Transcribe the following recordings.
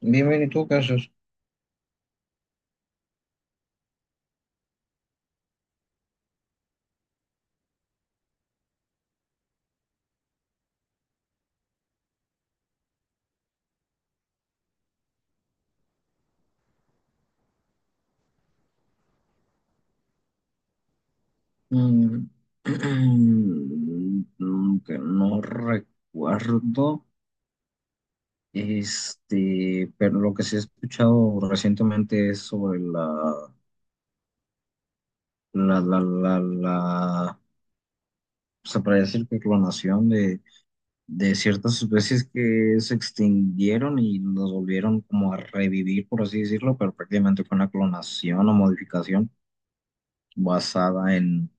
Bien, bien, ¿y tú qué haces? Mm, que no recuerdo, pero lo que sí he escuchado recientemente es sobre la, se podría decir que clonación de ciertas especies que se extinguieron y las volvieron como a revivir, por así decirlo, pero prácticamente fue una clonación o modificación basada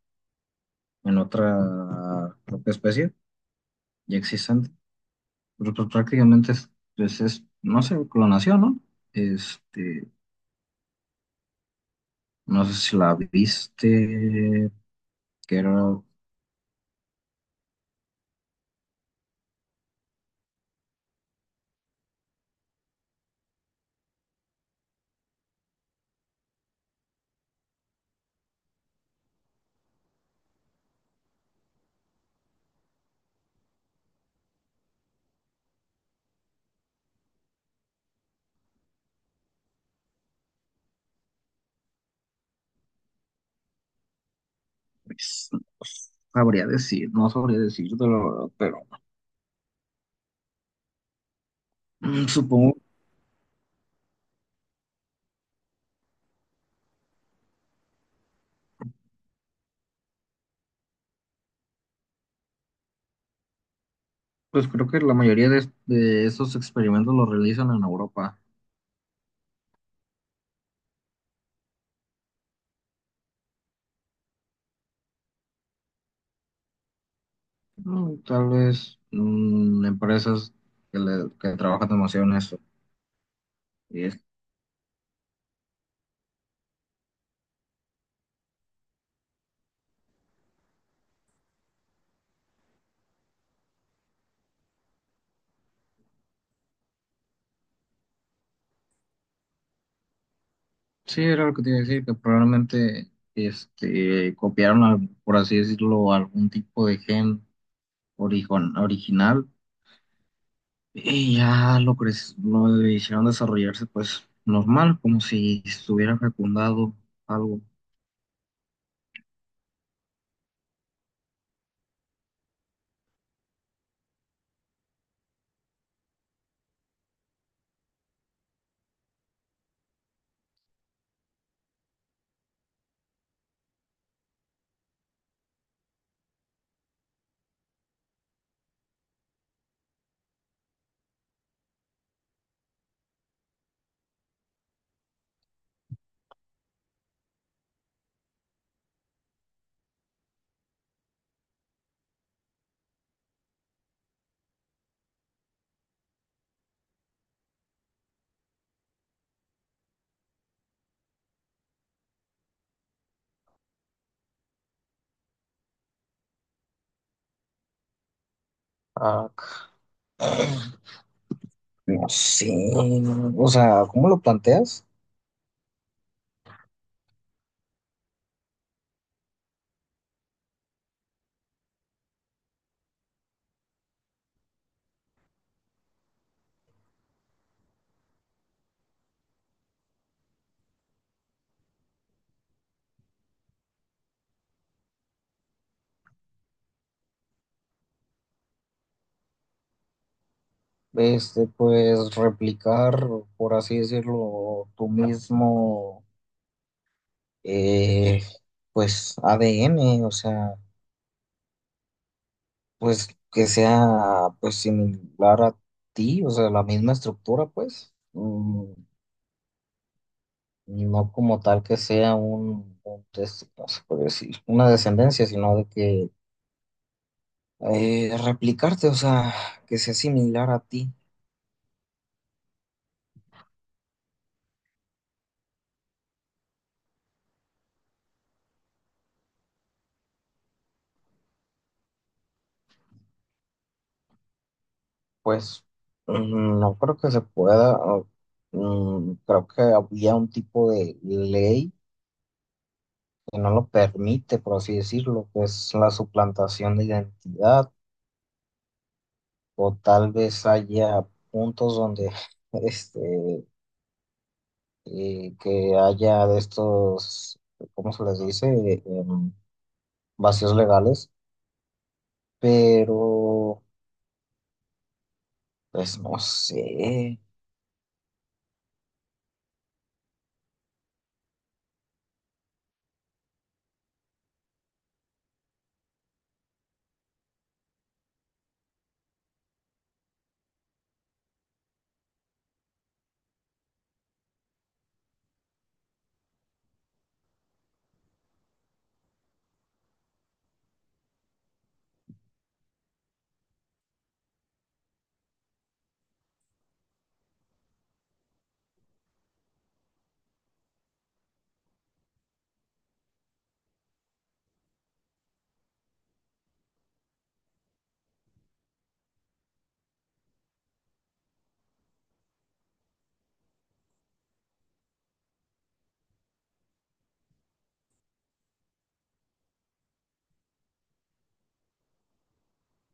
en otra propia especie ya existente. Pero pues prácticamente pues, es, no sé, clonación, ¿no? Este, no sé si la viste, que era, pues, no sabría decir, no sabría decirte la verdad, pero supongo, pues creo que la mayoría de estos experimentos los realizan en Europa. Tal vez empresas que trabajan demasiado en eso. Y es- sí, era lo que te iba a decir, que probablemente copiaron, al- por así decirlo, algún tipo de gen original y ya lo hicieron desarrollarse pues normal, como si estuviera fecundado algo. Ah, no sé, o sea, ¿cómo lo planteas? Este, pues replicar, por así decirlo, tu mismo, eh, pues ADN, o sea, pues que sea, pues similar a ti, o sea, la misma estructura, pues. Mm, no como tal que sea un test- no se puede decir, una descendencia, sino de que replicarte, o sea, que sea similar a ti, pues no creo que se pueda. Creo que había un tipo de ley que no lo permite, por así decirlo, que es la suplantación de identidad, o tal vez haya puntos donde este, que haya de estos, ¿cómo se les dice? Vacíos legales, pero pues no sé.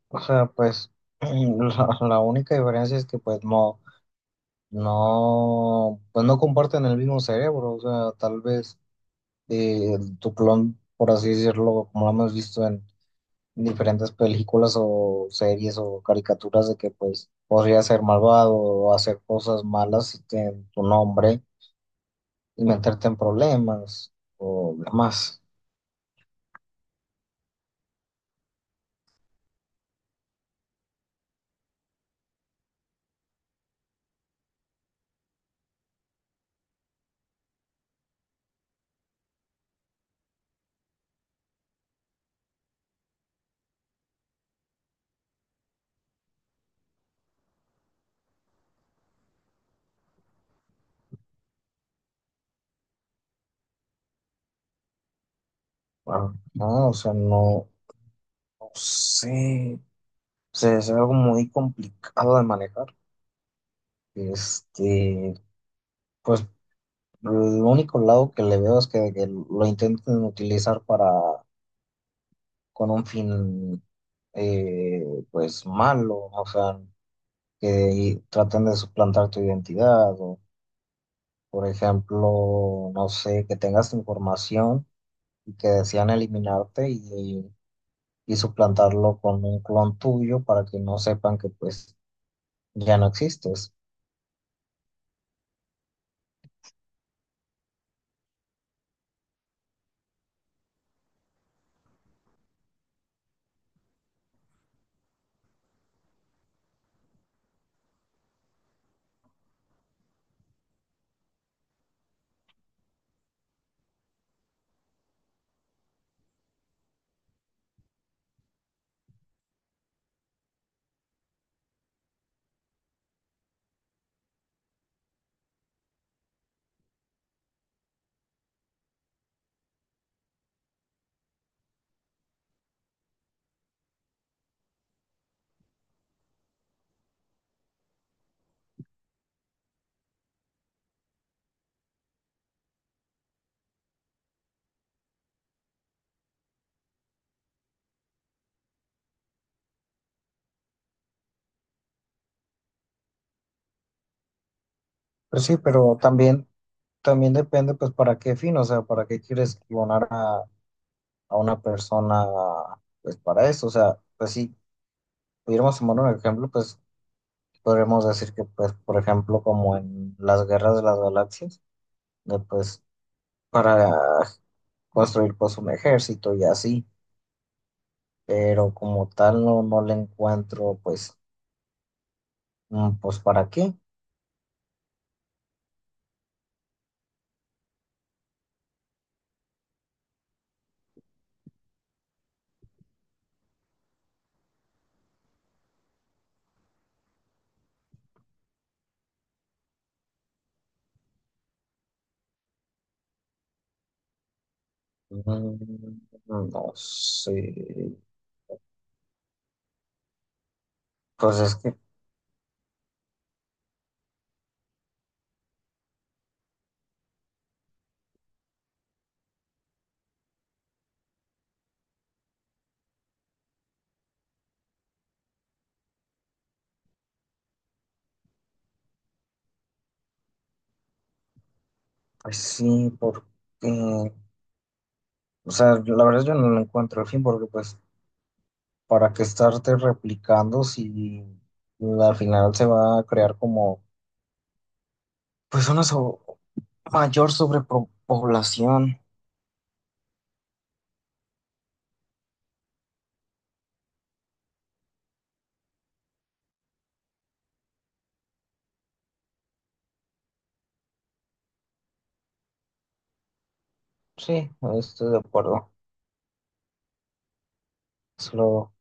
O sea, pues la única diferencia es que pues no, pues no comparten el mismo cerebro. O sea, tal vez tu clon, por así decirlo, como lo hemos visto en diferentes películas o series o caricaturas de que pues podría ser malvado o hacer cosas malas en tu nombre y meterte en problemas o demás. Bueno, no, o sea, no. Sí, se es algo muy complicado de manejar. Este, pues el único lado que le veo es que lo intenten utilizar para con un fin eh, pues malo, o sea, que traten de suplantar tu identidad, o por ejemplo, no sé, que tengas información y que desean eliminarte y suplantarlo con un clon tuyo para que no sepan que pues ya no existes. Pues sí, pero también, también depende pues para qué fin, o sea, para qué quieres clonar a una persona pues para eso, o sea, pues si pudiéramos tomar un ejemplo, pues podríamos decir que pues por ejemplo como en las guerras de las galaxias, de, pues para construir pues un ejército y así, pero como tal no, no le encuentro pues, pues para qué, Mm, no sé, pues es que pues sí, porque... O sea, la verdad yo no lo encuentro el fin porque pues, ¿para qué estarte replicando si al final se va a crear como, pues, una so- mayor sobrepoblación? Sí, estoy de acuerdo. Solo